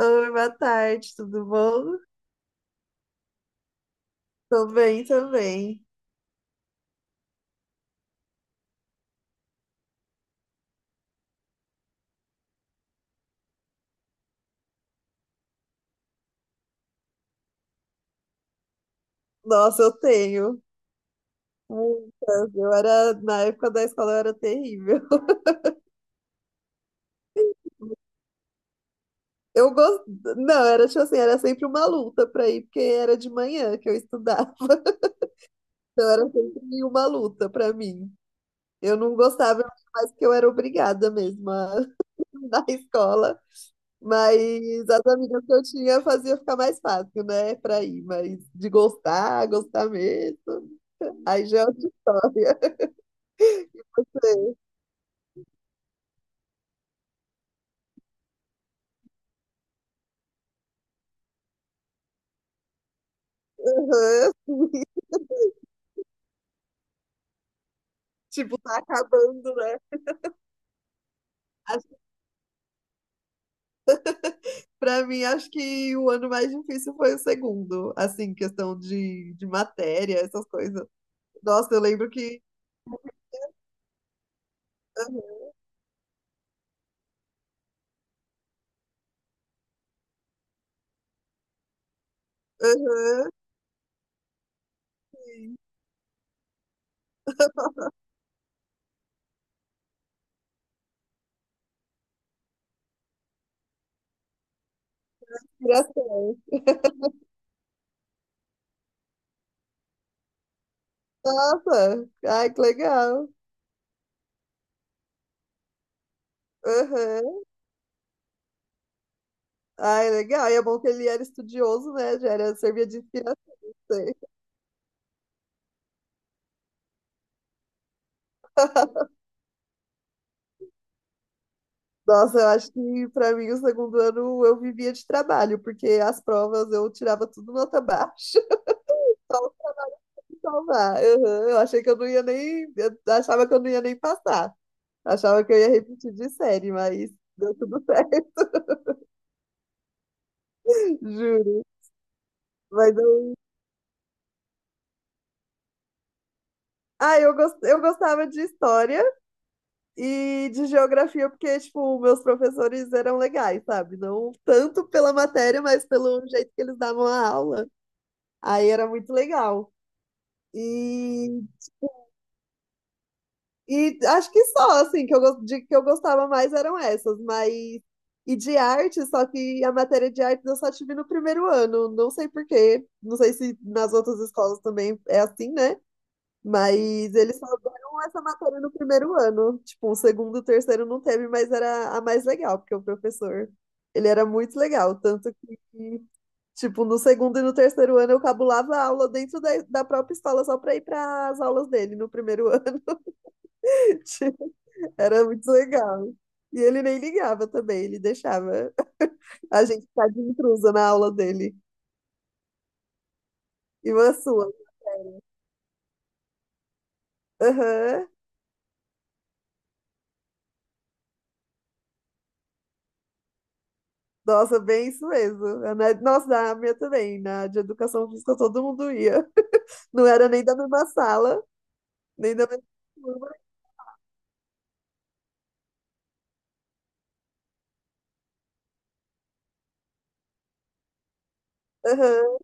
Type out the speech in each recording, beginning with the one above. Oi, boa tarde, tudo bom? Tô bem também. Nossa, eu tenho muitas. Eu era, na época da escola, eu era terrível. Eu gosto, não, era tipo assim, era sempre uma luta pra ir, porque era de manhã que eu estudava. Então era sempre uma luta pra mim. Eu não gostava mais porque eu era obrigada mesmo a na escola, mas as amigas que eu tinha fazia ficar mais fácil, né, pra ir, mas de gostar, gostar mesmo, aí já é outra história. Aham. Tipo, tá acabando, né? Acho, pra mim, acho que o ano mais difícil foi o segundo, assim, questão de matéria, essas coisas. Nossa, eu lembro que. Aham, sim, inspiração. Nossa, ai, que legal. Aham, ai, legal. E é bom que ele era estudioso, né? Já era, servia de inspiração. Nossa, eu acho que pra mim o segundo ano eu vivia de trabalho, porque as provas eu tirava tudo nota baixa. salvar. Uhum, eu achei que eu não ia nem. Eu achava que eu não ia nem passar. Achava que eu ia repetir de série, mas deu tudo certo, juro. Mas eu. Ah, eu gostava de história e de geografia, porque, tipo, meus professores eram legais, sabe? Não tanto pela matéria, mas pelo jeito que eles davam a aula. Aí era muito legal. E E acho que só, assim, que eu gostava mais eram essas, mas. E de arte, só que a matéria de arte eu só tive no primeiro ano, não sei por quê, não sei se nas outras escolas também é assim, né? Mas eles só deram essa matéria no primeiro ano, tipo, o segundo, o terceiro não teve, mas era a mais legal, porque o professor, ele era muito legal, tanto que, tipo, no segundo e no terceiro ano eu cabulava a aula dentro da própria escola só pra ir para as aulas dele no primeiro ano. Era muito legal. E ele nem ligava também, ele deixava a gente ficar de intrusa na aula dele. E uma sua. Aham. Nossa, bem isso mesmo. Nossa, na minha também. Na de educação física todo mundo ia. Não era nem da mesma sala, nem da mesma turma. Aham,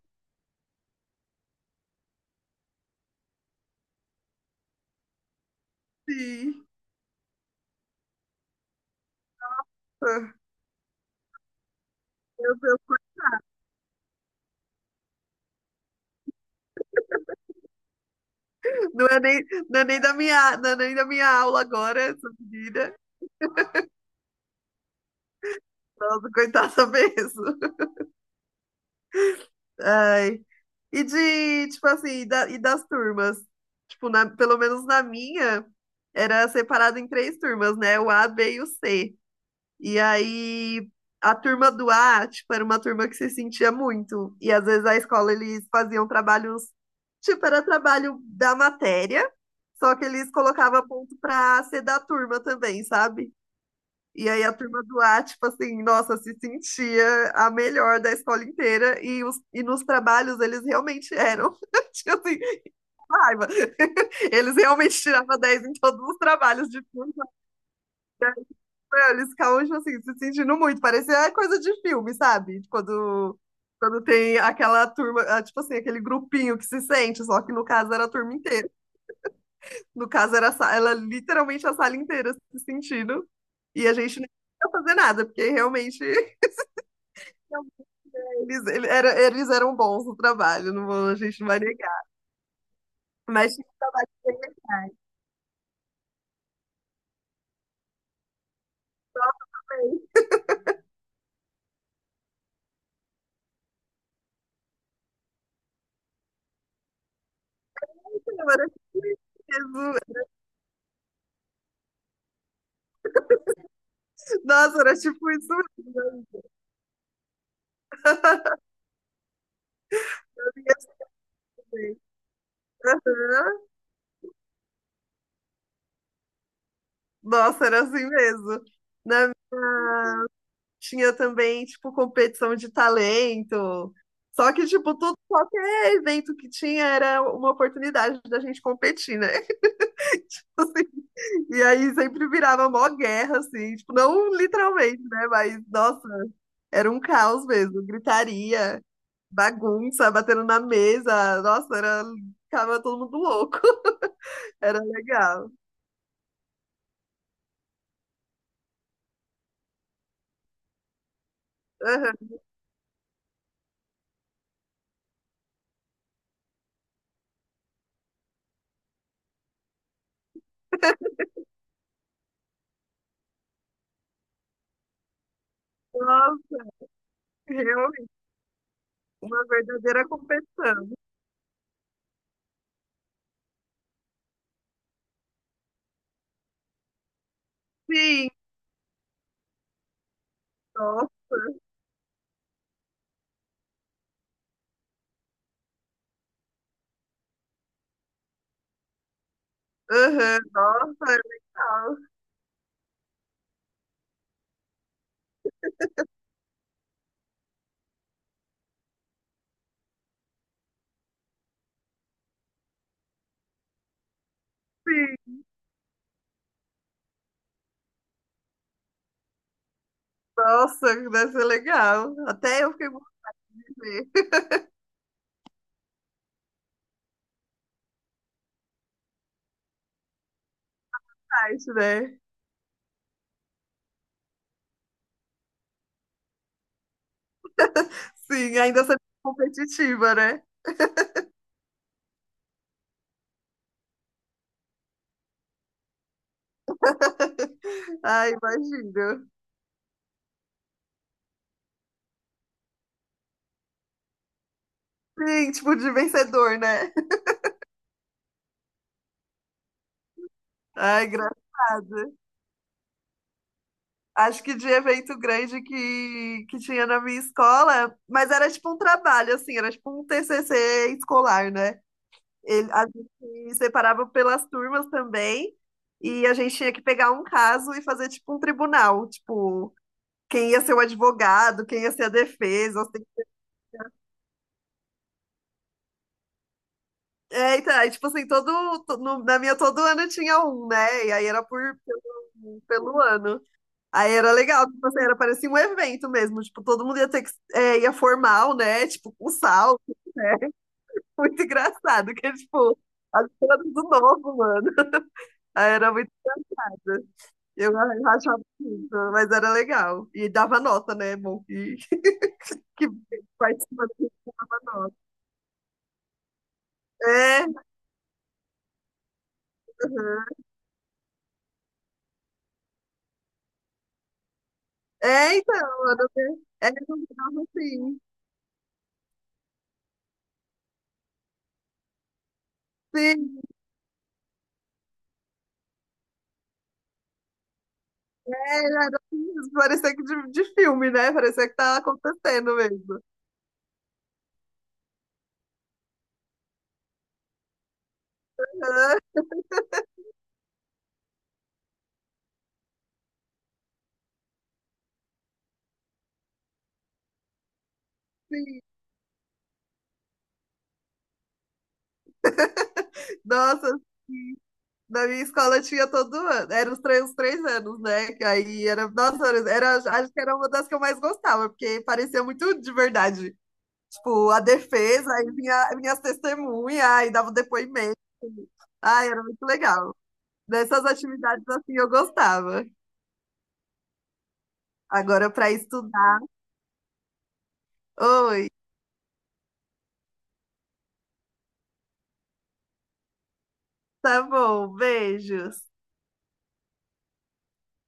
sim. Ah, meu Deus. Não é nem da minha, não é nem da minha aula agora, essa menina. Nossa, coitada mesmo. Ai. E de, tipo assim, e das turmas? Pelo menos na minha, era separado em três turmas, né? O A, B e o C. E aí, a turma do A, tipo, era uma turma que se sentia muito. E às vezes a escola, eles faziam trabalhos, tipo, era trabalho da matéria, só que eles colocavam ponto pra ser da turma também, sabe? E aí a turma do A, tipo assim, nossa, se sentia a melhor da escola inteira e nos trabalhos eles realmente eram. Tinha assim, raiva. Eles realmente tiravam 10 em todos os trabalhos de filme. Meu, eles ficavam, tipo assim, se sentindo muito. Parecia coisa de filme, sabe? Quando tem aquela turma, ah, tipo assim, aquele grupinho que se sente, só que no caso era a turma inteira. No caso ela literalmente a sala inteira se sentindo. E a gente nem ia fazer nada, porque realmente. Eles eram bons no trabalho, a gente não vai negar. Mas tinha que ter verdade. Mas, era tipo isso. Nossa, era tipo isso mesmo. Na minha frente. Aham. Nossa, era assim mesmo. Na tinha também, tipo, competição de talento. Só que, tipo, tudo, qualquer evento que tinha era uma oportunidade da gente competir, né? Assim, e aí sempre virava mó guerra, assim, tipo, não literalmente, né? Mas, nossa, era um caos mesmo, gritaria, bagunça, batendo na mesa. Nossa, era... ficava todo mundo louco. Era legal. Aham. Nossa, realmente, uma verdadeira competição. Sim, nossa. Aham, nossa, é legal. Sim, nossa, deve ser legal. Até eu fiquei com vontade de ver. Mas, né? Sim, ainda sendo competitiva, né? Ai, imagino. Sim, tipo de vencedor, né? Ai, engraçado. Acho que de evento grande que tinha na minha escola, mas era tipo um trabalho, assim, era tipo um TCC escolar, né? Ele, a gente separava pelas turmas também, e a gente tinha que pegar um caso e fazer tipo um tribunal, tipo, quem ia ser o advogado, quem ia ser a defesa. Assim. É, então, aí, tipo assim, todo, to- no- na minha todo ano tinha um, né? E aí era pelo ano. Aí era legal, tipo assim, era parecia um evento mesmo, tipo, todo mundo ia ter que, é, ia formal, né, tipo, com salto, né, muito engraçado, que é, tipo, as coisas do novo, mano, aí era muito, eu rachava muito, mas era legal, e dava nota, né, é bom, que, que participa de uma nota, é, aham. É, então, era, é, dava assim, sim, é, era assim, parecia que de filme, né, parecia que tá acontecendo mesmo, é, nossa, na minha escola tinha todo ano. Era os três anos, né? Que aí era, nossa, era, acho que era uma das que eu mais gostava, porque parecia muito de verdade. Tipo, a defesa, aí vinha, vinha as testemunhas, aí dava o depoimento. Ai, era muito legal. Dessas atividades assim eu gostava. Agora para estudar. Oi, tá bom, beijos.